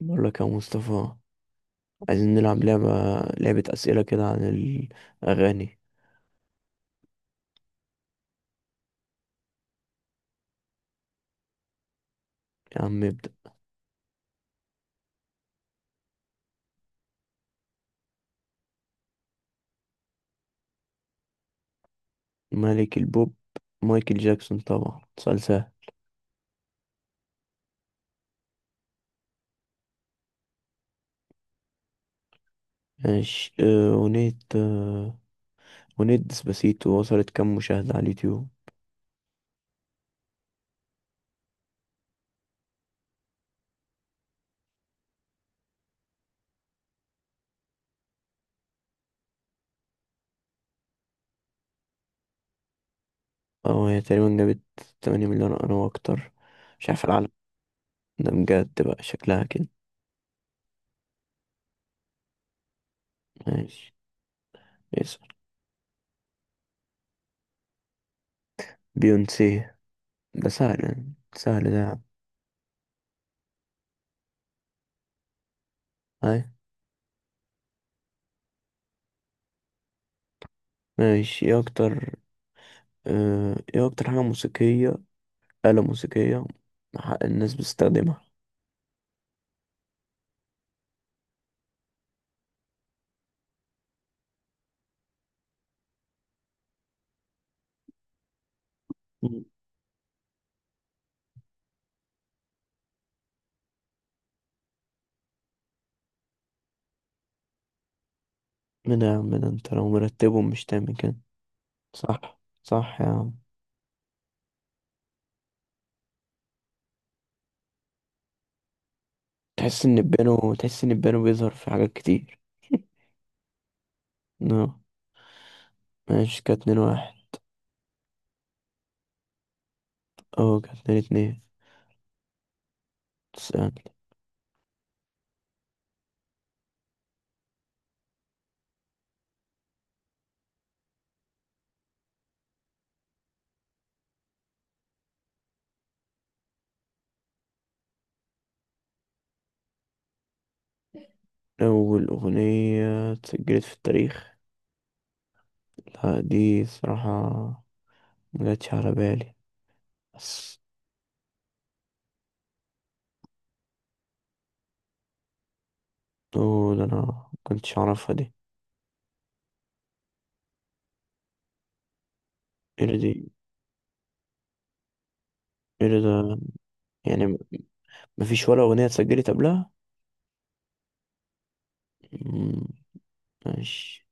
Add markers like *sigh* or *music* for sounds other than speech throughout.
بقول لك يا مصطفى، عايزين نلعب لعبة أسئلة كده عن الأغاني. يا عم ابدأ. ملك البوب مايكل جاكسون، طبعا سؤال سهل. ماشي. أغنية ديسباسيتو وصلت كام مشاهدة على اليوتيوب؟ هي تقريبا جابت 8 مليون أو أكتر، مش عارف. العالم ده بجد بقى شكلها كده. ماشي، اسأل. بيونسي، ده سهل يعني، سهل ده يا عم. أي، ماشي. إيه أكتر حاجة موسيقية، آلة موسيقية الناس بتستخدمها. مم. من يا عم، ده انت لو مرتبهم مش تعمل كده. صح صح يا عم. تحس ان البيانو بيظهر في حاجات كتير. *laughs* نو، ماشي. كانت 2-1. اه، كانت 2-2. تسألني؟ أول أغنية اتسجلت في التاريخ؟ لا، دي صراحة مجتش على بالي، بس. اوه، ده أنا مكنتش أعرفها دي. ايه ده دي ايه ده ده؟ يعني مفيش ولا أغنية اتسجلت قبلها؟ مم، ماشي.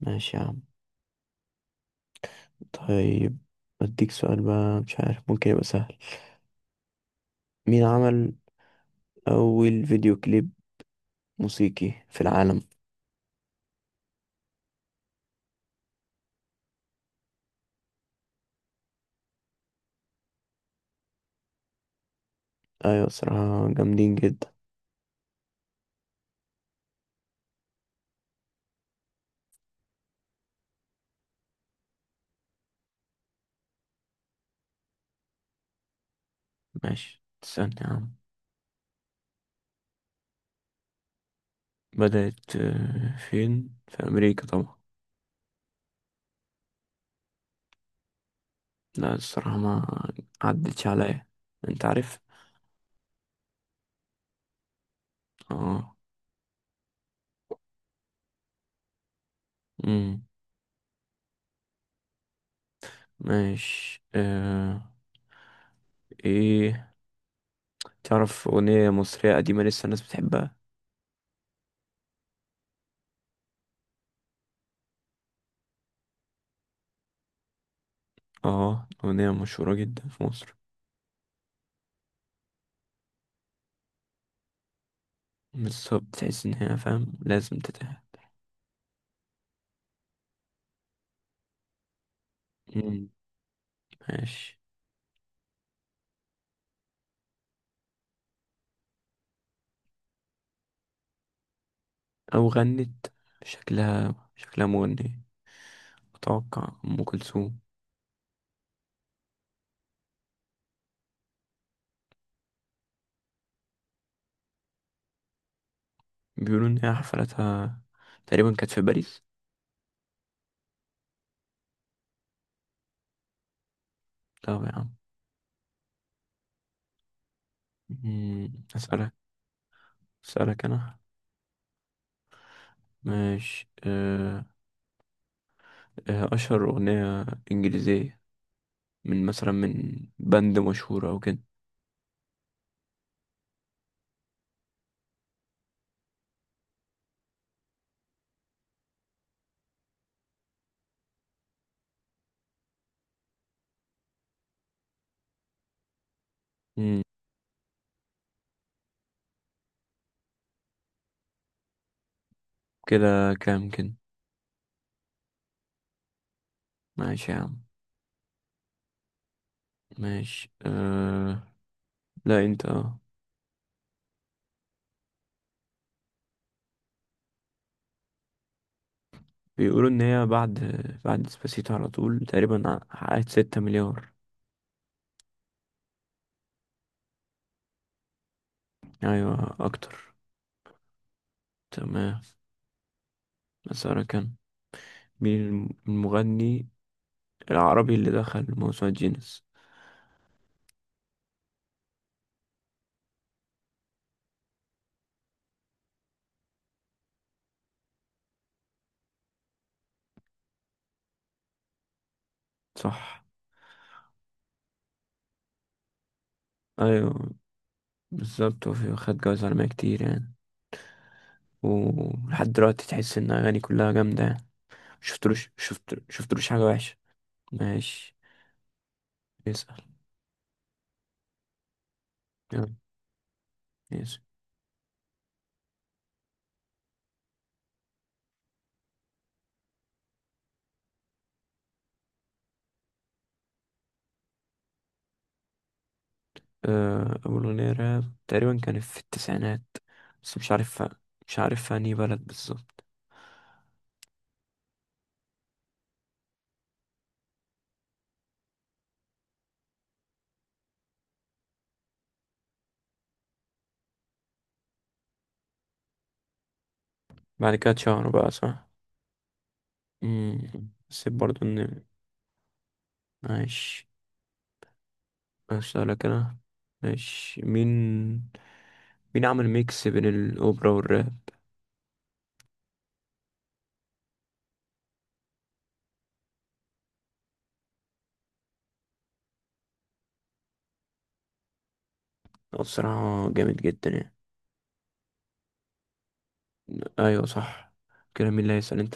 ماشي يا عم. طيب، أديك سؤال بقى، مش عارف ممكن يبقى سهل. مين عمل أول فيديو كليب موسيقي في العالم؟ أيوة، صراحة جامدين جدا. ماشي، تسألني يا عم. بدأت فين؟ في أمريكا طبعا. لا، الصراحة ما عدتش عليا. أنت عارف؟ اه. مم. ماشي. إيه، تعرف أغنية مصرية قديمة لسه الناس بتحبها؟ اه، أغنية مشهورة جدا في مصر. بالظبط، تحس إن هي فاهم لازم تتعب. مم، ماشي. أو غنت، شكلها مغنية، أتوقع أم كلثوم. بيقولوا إن هي حفلتها تقريبا كانت في باريس. طب يا عم. مم، أسألك أنا. ماشي. أه آه، أشهر أغنية إنجليزية، من بند مشهور أو كده. مم، كده كام كده. ماشي يا عم. ماشي لا، أنت. بيقولوا ان هي بعد ديسباسيتو على طول تقريبا حققت 6 مليار. ايوه، اكتر. تمام، مسارة كان. مين المغني العربي اللي دخل موسوعة جينيس؟ صح. ايوه، بالظبط. وفي خد جوايز عالمية كتير يعني. ولحد دلوقتي تحس ان اغاني كلها جامدة يعني. شفتلوش حاجة وحشة. ماشي، اسأل. يلا، اسأل. أول أغنية راب تقريبا كانت في التسعينات، بس مش عارف. مش عارف في أنهي بلد بالظبط. بعد كده اتشهروا بقى، صح. مم. بس برضو ان. ماشي. اسألك انا. ماشي. مين عمل ميكس بين الاوبرا والراب؟ هو بصراحة جامد جدا يعني. ايوه، صح. كده مين اللي هيسأل؟ انت.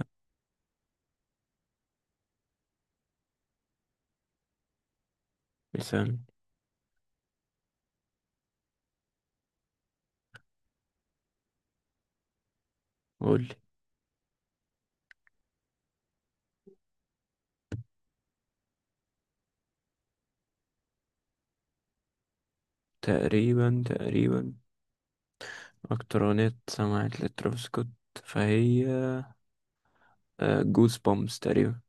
مثال. قول لي. تقريبا اكتر اغنية سمعت لترافيس سكوت، فهي جوز بومبس تقريبا.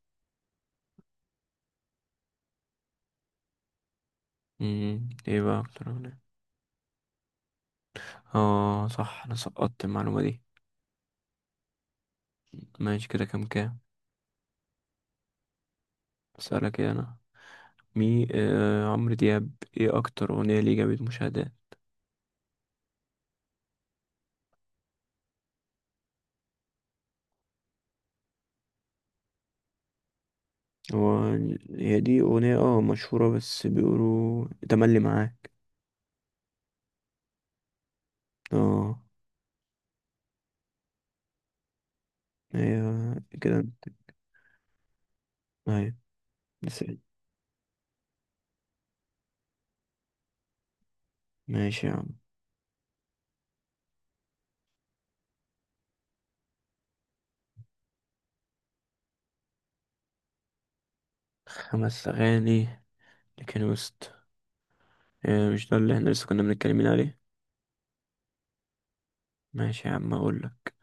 مم. ايه بقى اكتر اغنية؟ اه، صح، انا سقطت المعلومة دي. ماشي، كده كام كام؟ اسألك ايه انا. مي آه عمرو دياب، ايه اكتر اغنية ليه جابت مشاهدات؟ هو هي دي اغنية مشهورة، بس بيقولوا تملي معاك. اه، هي كده. هاي، بس. ماشي يا عم، خمس اغاني لكن وسط آه مش ده اللي احنا لسه كنا بنتكلمين عليه ماشي يا عم اقولك،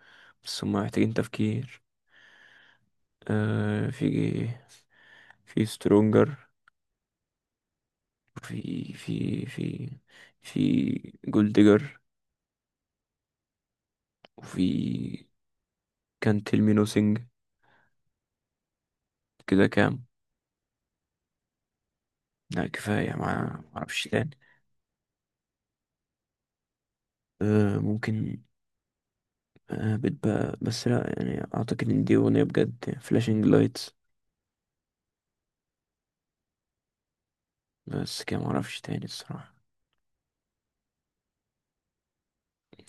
بس هما محتاجين تفكير. آه في في سترونجر. وفي في في في جولدجر. وفي كان تيل مي. كده كام؟ لا، كفاية، ما معرفش تاني. ممكن. بتبقى، بس لا، يعني أعتقد إن دي أغنية بجد، فلاشينج لايتس. بس كده معرفش تاني الصراحة.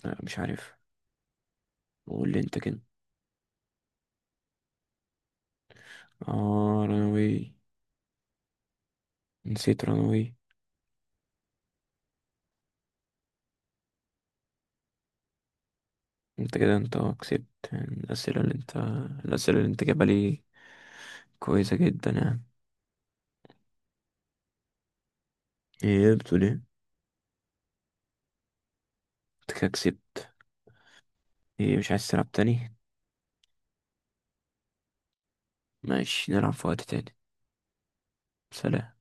لا، مش عارف، قول لي أنت كده. آه، رانوي، نسيت رانوي. أنت كده، أنت كسبت. يعني الأسئلة اللي أنت جايبها لي كويسة جدا يعني. إيه بتقول إيه؟ أنت كده كسبت. إيه، مش عايز تلعب تاني؟ ماشي، نلعب في وقت تاني. سلام.